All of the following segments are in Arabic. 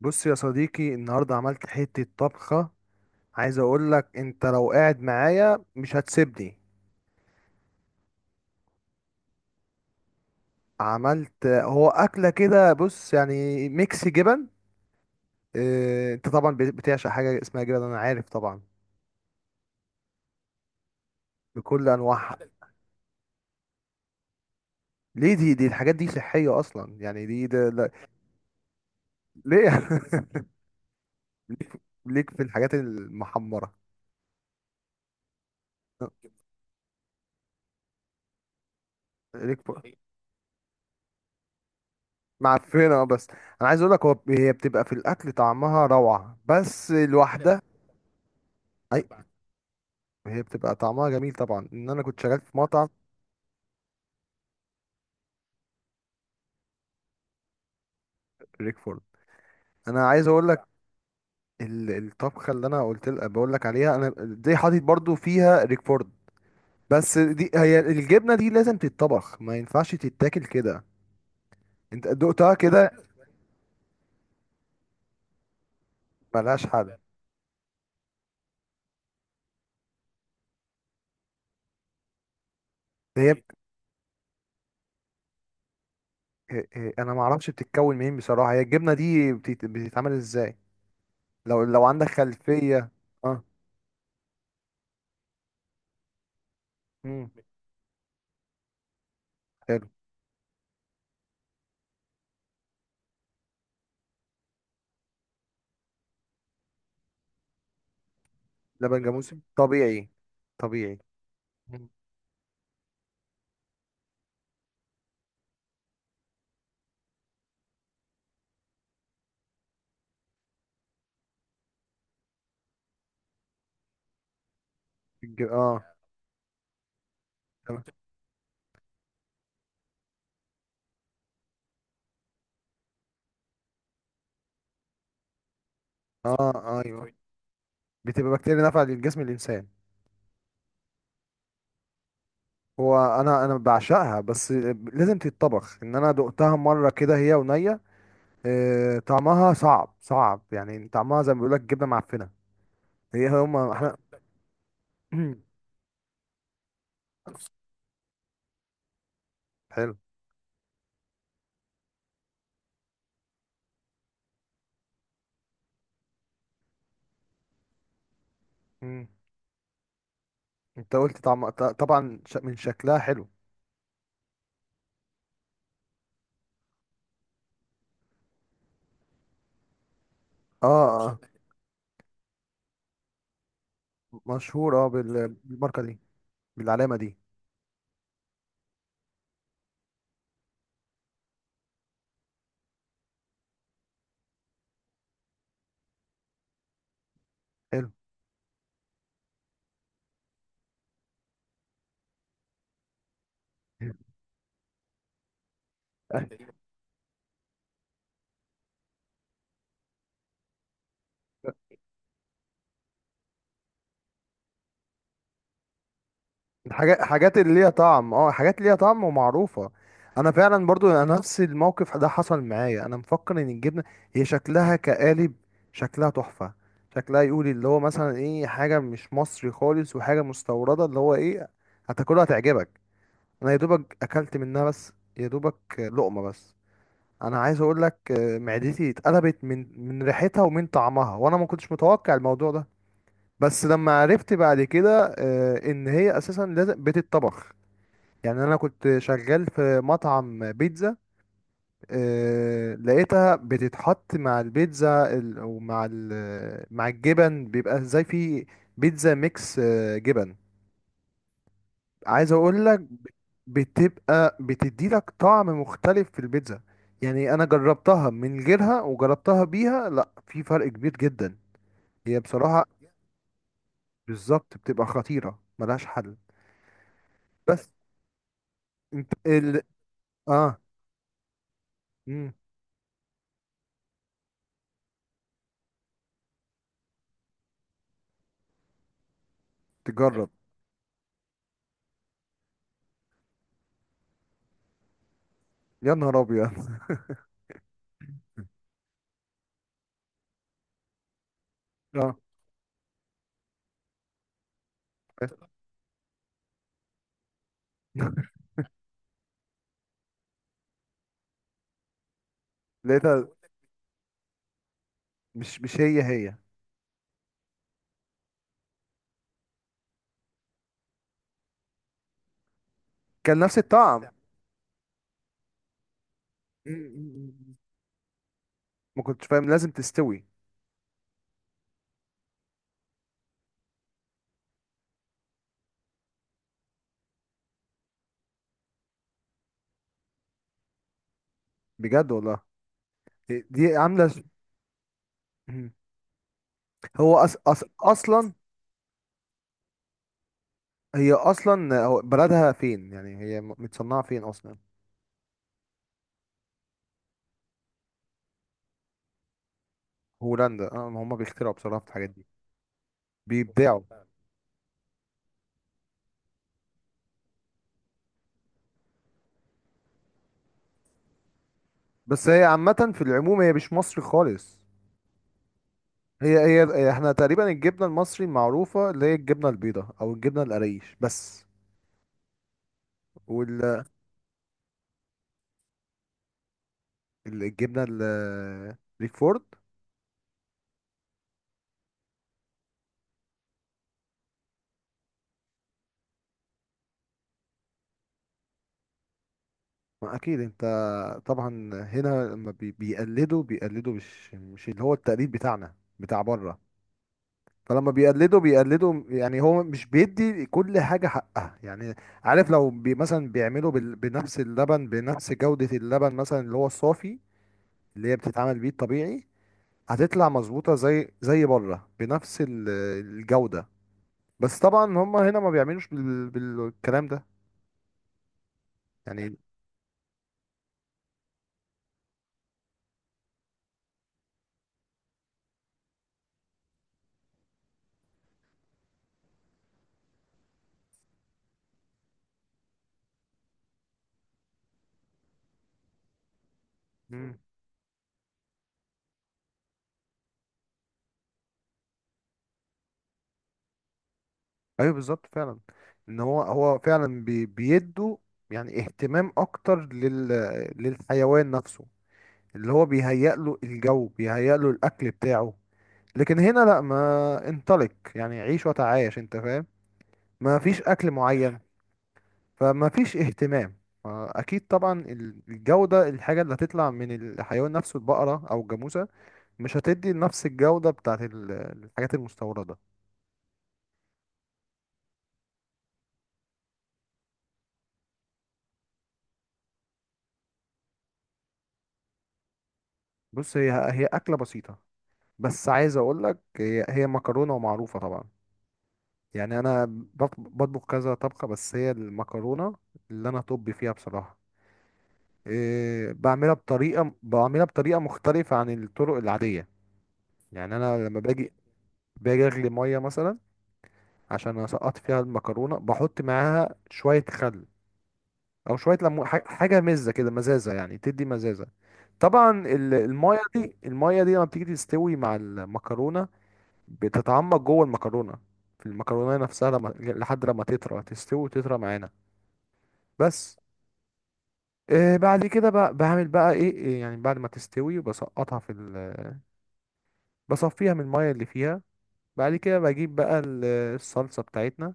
بص يا صديقي، النهارده عملت حتة طبخة. عايز اقول لك انت لو قاعد معايا مش هتسيبني. عملت هو اكلة كده، بص يعني ميكس جبن. اه، انت طبعا بتعشق حاجة اسمها جبن، انا عارف طبعا. بكل انواعها. ليه؟ دي الحاجات دي صحية اصلا، يعني دي ده لا- ليه؟ ليك. ليك في الحاجات المحمرة. ليك في- معفنة، بس انا عايز اقول لك، هو هي بتبقى في الاكل طعمها روعة، بس لوحدها. أي- هي بتبقى طعمها جميل طبعا، ان انا كنت شغال في مطعم. ريكفورد، انا عايز اقول لك، الطبخه اللي انا قلت لك بقول لك عليها، انا دي حاطط برضو فيها ريكفورد. بس دي، هي الجبنه دي لازم تتطبخ، ما ينفعش تتاكل كده. انت دقتها كده؟ ملهاش حل. هي انا ما اعرفش بتتكون منين بصراحه، هي الجبنه دي بتتعمل ازاي؟ لو عندك خلفيه. اه. امم حلو. لبن جاموسي طبيعي. طبيعي. مم. اه. تمام. اه، ايوه، بتبقى بكتيريا نافعة للجسم الإنسان. هو أنا بعشقها، بس لازم تتطبخ. إن أنا دقتها مرة كده هي ونية، طعمها صعب يعني، طعمها زي ما بيقولك جبنة معفنة. هي هما احنا. حلو. مم. انت قلت طعم طبعا من شكلها حلو. اه اه. مشهور اه بالماركة دي، بالعلامة دي. حلو. حاجات، حاجات اللي ليها طعم، اه، حاجات ليها طعم ومعروفة. انا فعلا برضو انا نفس الموقف ده حصل معايا. انا مفكر ان الجبنة، هي شكلها كقالب، شكلها تحفة، شكلها يقول اللي هو مثلا ايه، حاجة مش مصري خالص وحاجة مستوردة، اللي هو ايه، هتاكلها هتعجبك. انا يا دوبك اكلت منها، بس يا دوبك لقمة بس. انا عايز اقول لك، معدتي اتقلبت من ريحتها ومن طعمها، وانا ما كنتش متوقع الموضوع ده. بس لما عرفت بعد كده، ان هي اساسا لازم بتتطبخ. يعني انا كنت شغال في مطعم بيتزا، لقيتها بتتحط مع البيتزا مع الجبن، بيبقى زي، في بيتزا ميكس جبن. عايز اقول لك، بتبقى بتدي لك طعم مختلف في البيتزا. يعني انا جربتها من غيرها وجربتها بيها، لا في فرق كبير جدا. هي بصراحة، بالظبط، بتبقى خطيرة، ملهاش حل. بس انت ال، اه. مم. تجرب. يا نهار ابيض. اه، لقيتها. مش هي هي. كان نفس الطعم م- م- م. ما كنتش فاهم لازم تستوي. بجد والله. دي عاملة م. هو أصلا، هي أصلا هو بلدها فين يعني، هي متصنعة فين أصلا؟ هولندا. اه، ما هما بيخترعوا بصراحة في الحاجات دي، بيبدعوا. بس هي عامة في العموم، هي مش مصري خالص. هي احنا تقريبا الجبنة المصري المعروفة اللي هي الجبنة البيضاء أو الجبنة القريش بس، والجبنة الريكفورد. ما اكيد انت، طبعا هنا لما بيقلدوا، بيقلدوا مش، مش اللي هو التقليد بتاعنا بتاع بره. فلما بيقلدوا بيقلدوا، يعني هو مش بيدي كل حاجة حقها يعني. عارف، لو بي مثلا بيعملوا بنفس اللبن، بنفس جودة اللبن مثلا، اللي هو الصافي، اللي هي بتتعمل بيه الطبيعي، هتطلع مظبوطة زي زي بره بنفس الجودة. بس طبعا هم هنا ما بيعملوش بالكلام ده يعني. ايوه بالظبط فعلا. ان هو هو فعلا بي بيدوا يعني اهتمام اكتر لل، للحيوان نفسه، اللي هو بيهيأ له الجو، بيهيأ له الاكل بتاعه. لكن هنا لا، ما انطلق يعني، عيش وتعايش، انت فاهم. ما فيش اكل معين، فما فيش اهتمام. اكيد طبعا، الجودة، الحاجة اللي هتطلع من الحيوان نفسه، البقرة او الجاموسة، مش هتدي نفس الجودة بتاعت الحاجات المستوردة. بص، هي هي اكلة بسيطة، بس عايز اقول لك، هي هي مكرونه ومعروفه طبعا. يعني انا بطبخ كذا طبخه، بس هي المكرونه اللي انا طبي فيها بصراحه إيه، بعملها بطريقه، بعملها بطريقه مختلفه عن الطرق العاديه. يعني انا لما باجي، باجي اغلي ميه مثلا عشان اسقط فيها المكرونه، بحط معاها شويه خل او شويه ليمون، حاجه مزه كده، مزازه يعني تدي مزازه. طبعا الميه دي، الميه دي لما بتيجي تستوي مع المكرونه، بتتعمق جوه المكرونه، في المكرونه نفسها، لما لحد لما تطرى، تستوي وتطرى معانا بس. آه، بعد كده بقى بعمل بقى ايه إيه يعني، بعد ما تستوي بسقطها في ال... بصفيها من الميه اللي فيها. بعد كده بجيب بقى الصلصه بتاعتنا.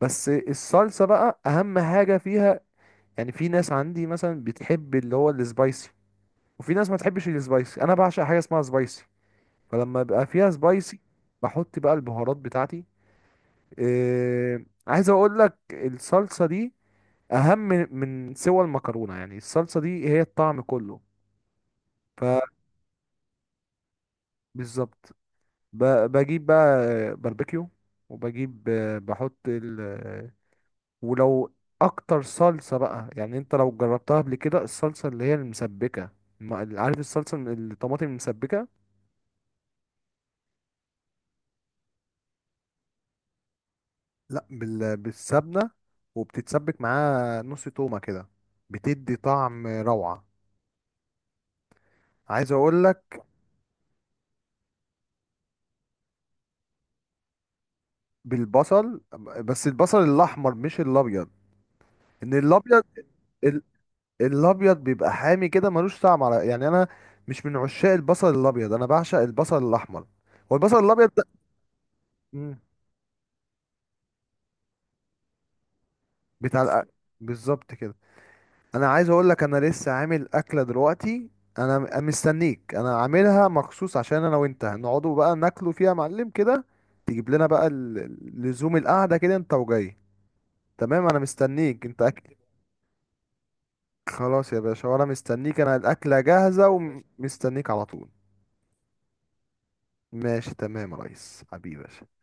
بس الصلصه بقى اهم حاجه فيها. يعني في ناس عندي مثلا بتحب اللي هو السبايسي، وفي ناس ما تحبش السبايسي. انا بعشق حاجه اسمها سبايسي، فلما يبقى فيها سبايسي بحط بقى البهارات بتاعتي. عايز اقول لك الصلصه دي اهم من سوى المكرونه، يعني الصلصه دي هي الطعم كله. فبالظبط، بجيب بقى باربيكيو، وبجيب، بحط ال، ولو، اكتر صلصه بقى يعني، انت لو جربتها قبل كده، الصلصه اللي هي المسبكه، ما- عارف الصلصه الطماطم المسبكه. لا بالسبنه، وبتتسبك معاها نص تومه كده، بتدي طعم روعه، عايز اقول لك. بالبصل، بس البصل الاحمر مش الابيض. ان الابيض، الابيض بيبقى حامي كده، ملوش طعم على يعني، انا مش من عشاق البصل الابيض، انا بعشق البصل الاحمر. هو البصل الابيض ده. مم. بتاع بالظبط كده. انا عايز اقول لك، انا لسه عامل اكله دلوقتي، انا مستنيك، انا عاملها مخصوص عشان انا وانت نقعدوا بقى ناكلوا فيها يا معلم كده. تجيب لنا بقى لزوم القعده كده، انت وجاي. تمام، انا مستنيك انت أكل. خلاص يا باشا، وانا مستنيك، انا الاكله جاهزه ومستنيك على طول. ماشي تمام يا ريس، حبيبي يا باشا.